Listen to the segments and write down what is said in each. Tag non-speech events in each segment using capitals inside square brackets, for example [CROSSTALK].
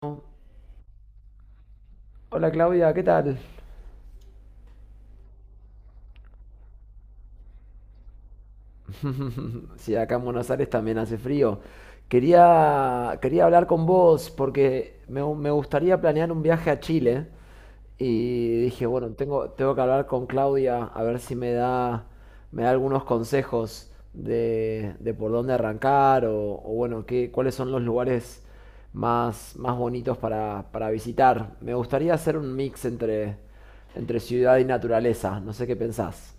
Hola Claudia, ¿qué tal? [LAUGHS] Sí, acá en Buenos Aires también hace frío. Quería hablar con vos porque me gustaría planear un viaje a Chile y dije, bueno, tengo que hablar con Claudia a ver si me da algunos consejos de por dónde arrancar o bueno, cuáles son los lugares más bonitos para visitar. Me gustaría hacer un mix entre ciudad y naturaleza. No sé qué pensás.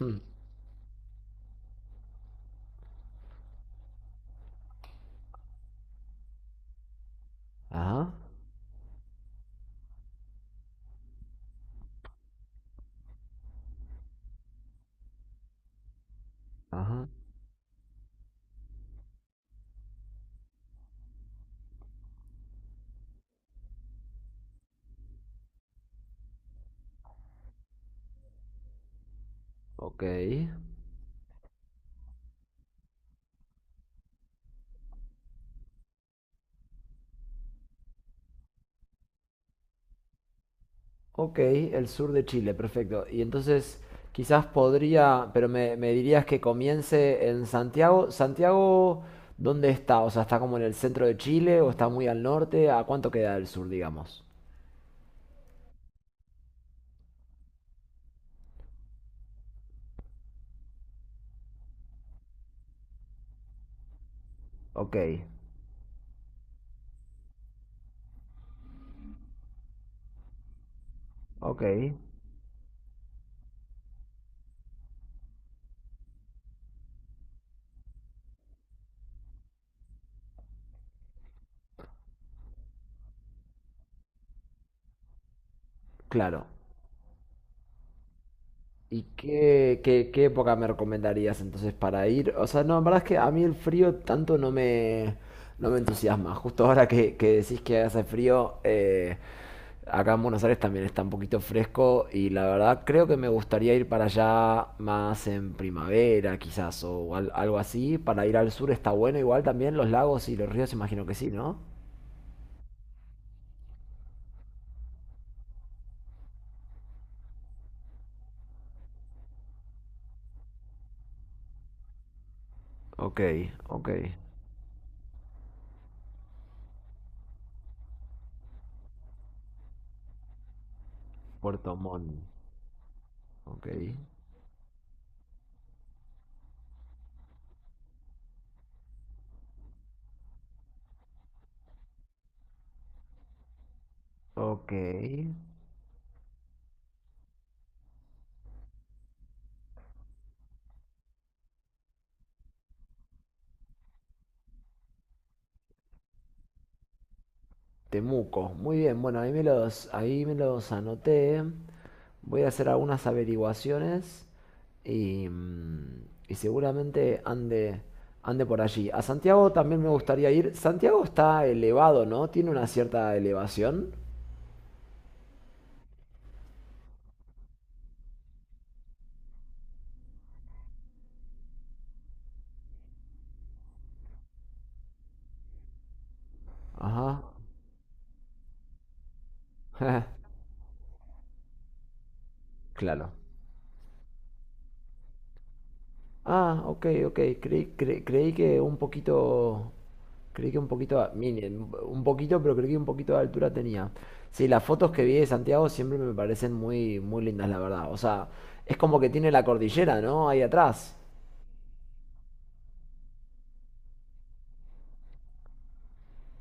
[LAUGHS] Ajá, ajá, ok. Ok, el sur de Chile, perfecto. Y entonces quizás podría, pero me dirías que comience en Santiago. Santiago, ¿dónde está? O sea, ¿está como en el centro de Chile o está muy al norte? ¿A cuánto queda del sur, digamos? Ok, ok, claro. ¿Y qué época me recomendarías entonces para ir? O sea, no, la verdad es que a mí el frío tanto no me entusiasma. Justo ahora que decís que hace frío, acá en Buenos Aires también está un poquito fresco y la verdad creo que me gustaría ir para allá más en primavera quizás o algo así. Para ir al sur está bueno igual también, los lagos y los ríos imagino que sí, ¿no? Ok, ok. Puerto Montt. Ok. Ok. Temuco. Muy bien, bueno, ahí me los anoté. Voy a hacer algunas averiguaciones y, y seguramente ande por allí. A Santiago también me gustaría ir. Santiago está elevado, ¿no? Tiene una cierta elevación. Ajá. [LAUGHS] Claro. Ah, ok, ok. Creí que un poquito. Creí que un poquito. Miren, un poquito, pero creí que un poquito de altura tenía. Sí, las fotos que vi de Santiago siempre me parecen muy lindas, la verdad. O sea, es como que tiene la cordillera, ¿no? Ahí atrás.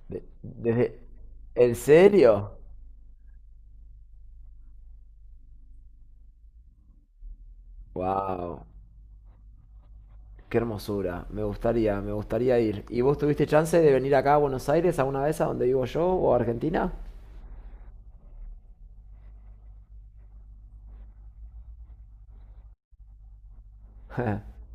De- desde. ¿En serio? ¡Wow! ¡Qué hermosura! Me gustaría ir. ¿Y vos tuviste chance de venir acá a Buenos Aires alguna vez a donde vivo yo o a Argentina? [LAUGHS]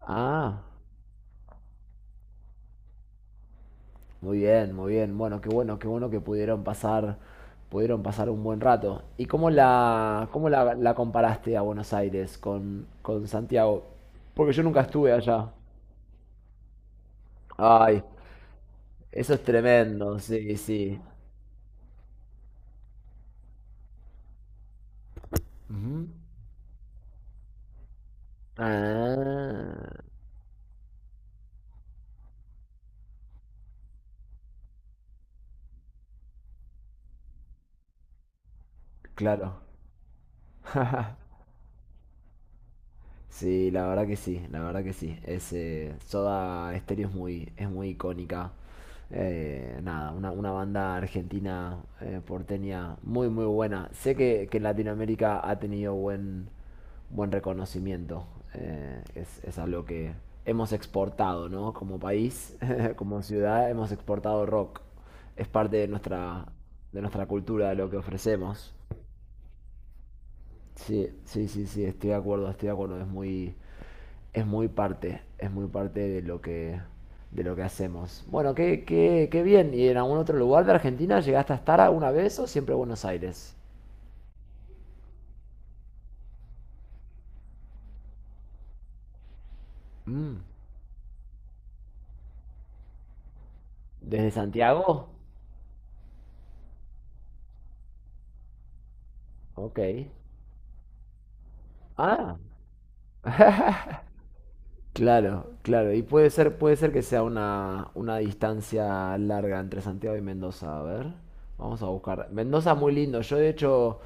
Ah. Muy bien, muy bien. Bueno, qué bueno que pudieron pasar un buen rato. ¿Y la comparaste a Buenos Aires con Santiago? Porque yo nunca estuve allá. Ay, eso es tremendo, sí, sí. Ujú. Ah, claro. [LAUGHS] Sí, la verdad que sí, la verdad que sí. Soda Stereo es muy icónica. Nada, una banda argentina porteña muy buena. Sé que en Latinoamérica ha tenido buen reconocimiento. Es algo que hemos exportado, ¿no? Como país, [LAUGHS] como ciudad, hemos exportado rock. Es parte de de nuestra cultura, de lo que ofrecemos. Sí, sí, sí, sí, estoy de acuerdo, estoy de acuerdo. Es muy parte de lo de lo que hacemos. Bueno, qué bien. ¿Y en algún otro lugar de Argentina llegaste a estar alguna vez o siempre Buenos Aires? Mm, ¿desde Santiago? Ok. Ah, claro, claro. Y puede ser que sea una distancia larga entre Santiago y Mendoza. A ver, vamos a buscar. Mendoza muy lindo. Yo de hecho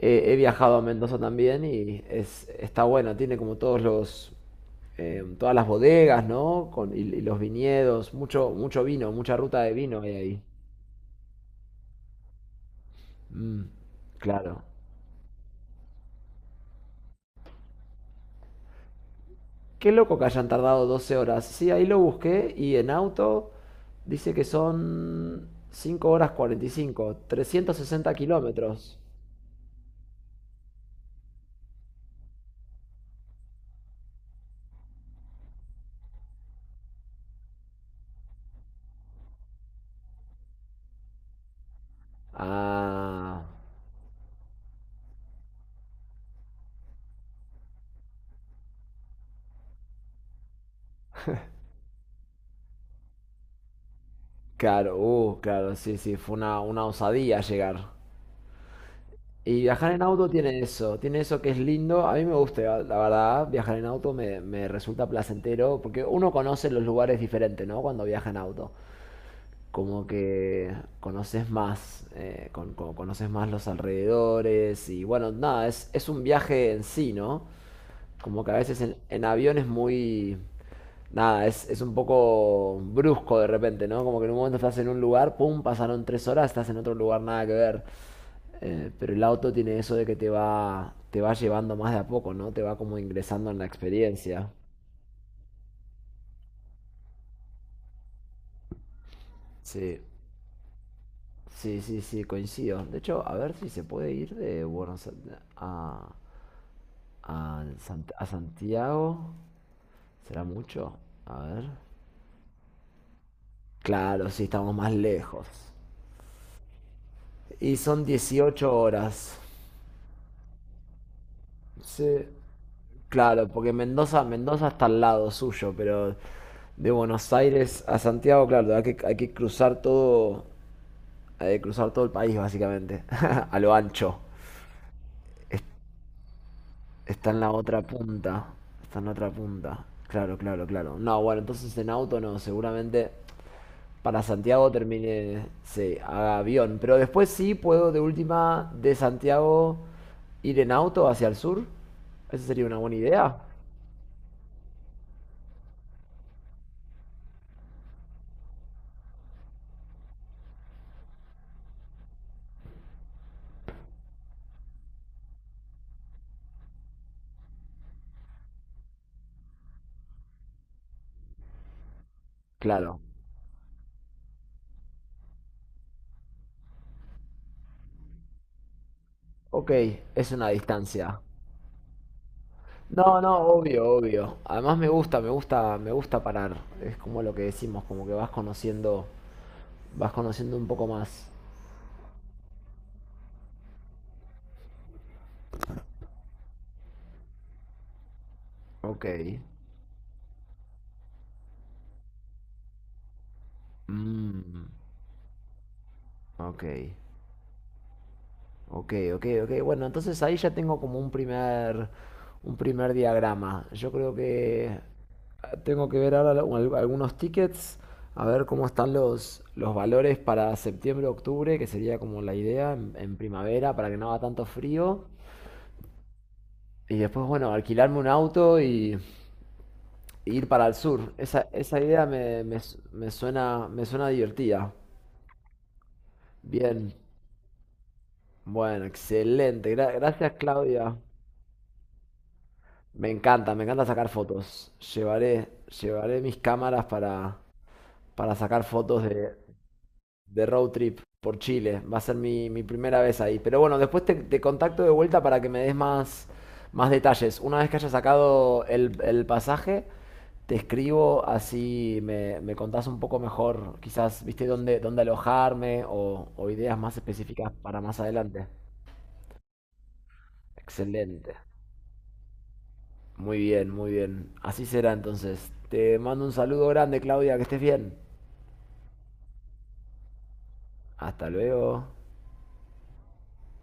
He viajado a Mendoza también y está bueno, tiene como todas las bodegas, ¿no? Y los viñedos, mucho vino, mucha ruta de vino hay ahí. Mm, claro. Qué loco que hayan tardado 12 horas. Sí, ahí lo busqué y en auto dice que son 5 horas 45, 360 kilómetros. Ah, claro, claro, sí, sí, fue una osadía llegar. Y viajar en auto tiene eso que es lindo. A mí me gusta, la verdad, viajar en auto me resulta placentero porque uno conoce los lugares diferentes, ¿no? Cuando viaja en auto. Como que conoces más, conoces más los alrededores y bueno, nada, es un viaje en sí, ¿no? Como que a veces en avión es muy... Nada, es un poco brusco de repente, ¿no? Como que en un momento estás en un lugar, pum, pasaron 3 horas, estás en otro lugar, nada que ver. Pero el auto tiene eso de que te va llevando más de a poco, ¿no? Te va como ingresando en la experiencia. Sí, sí, sí, sí, coincido. De hecho, a ver si se puede ir de Buenos Aires a Santiago. ¿Será mucho? A ver. Claro, sí, estamos más lejos. Y son 18 horas. Sí. Claro, porque Mendoza, Mendoza está al lado suyo, pero de Buenos Aires a Santiago, claro, hay que cruzar todo de cruzar todo el país, básicamente. [LAUGHS] A lo ancho. Es- Está en la otra punta. Está en la otra punta. Claro, claro, claro. No, bueno, entonces en auto no. Seguramente para Santiago termine, sí, haga avión. Pero después sí puedo de última de Santiago ir en auto hacia el sur. Esa sería una buena idea. Claro. Ok, es una distancia. No, no, obvio, obvio. Además me gusta parar. Es como lo que decimos, como que vas conociendo vas conociendo un poco más. Ok. Mm, ok. Ok, ok, ok. Bueno, entonces ahí ya tengo como un un primer diagrama. Yo creo que ah, tengo que ver ahora algunos tickets, a ver cómo están los valores para septiembre, octubre, que sería como la idea en primavera para que no haga tanto frío. Y después, bueno, alquilarme un auto y ir para el sur. Esa idea me suena divertida. Bien. Bueno, excelente. Gracias, Claudia. Me encanta sacar fotos. Llevaré mis cámaras para sacar fotos de road trip por Chile. Va a ser mi primera vez ahí. Pero bueno, después te contacto de vuelta para que me des más detalles. Una vez que haya sacado el pasaje, te escribo así me contás un poco mejor, quizás, viste, dónde alojarme o ideas más específicas para más adelante. Excelente. Muy bien, muy bien. Así será entonces. Te mando un saludo grande, Claudia, que estés bien. Hasta luego.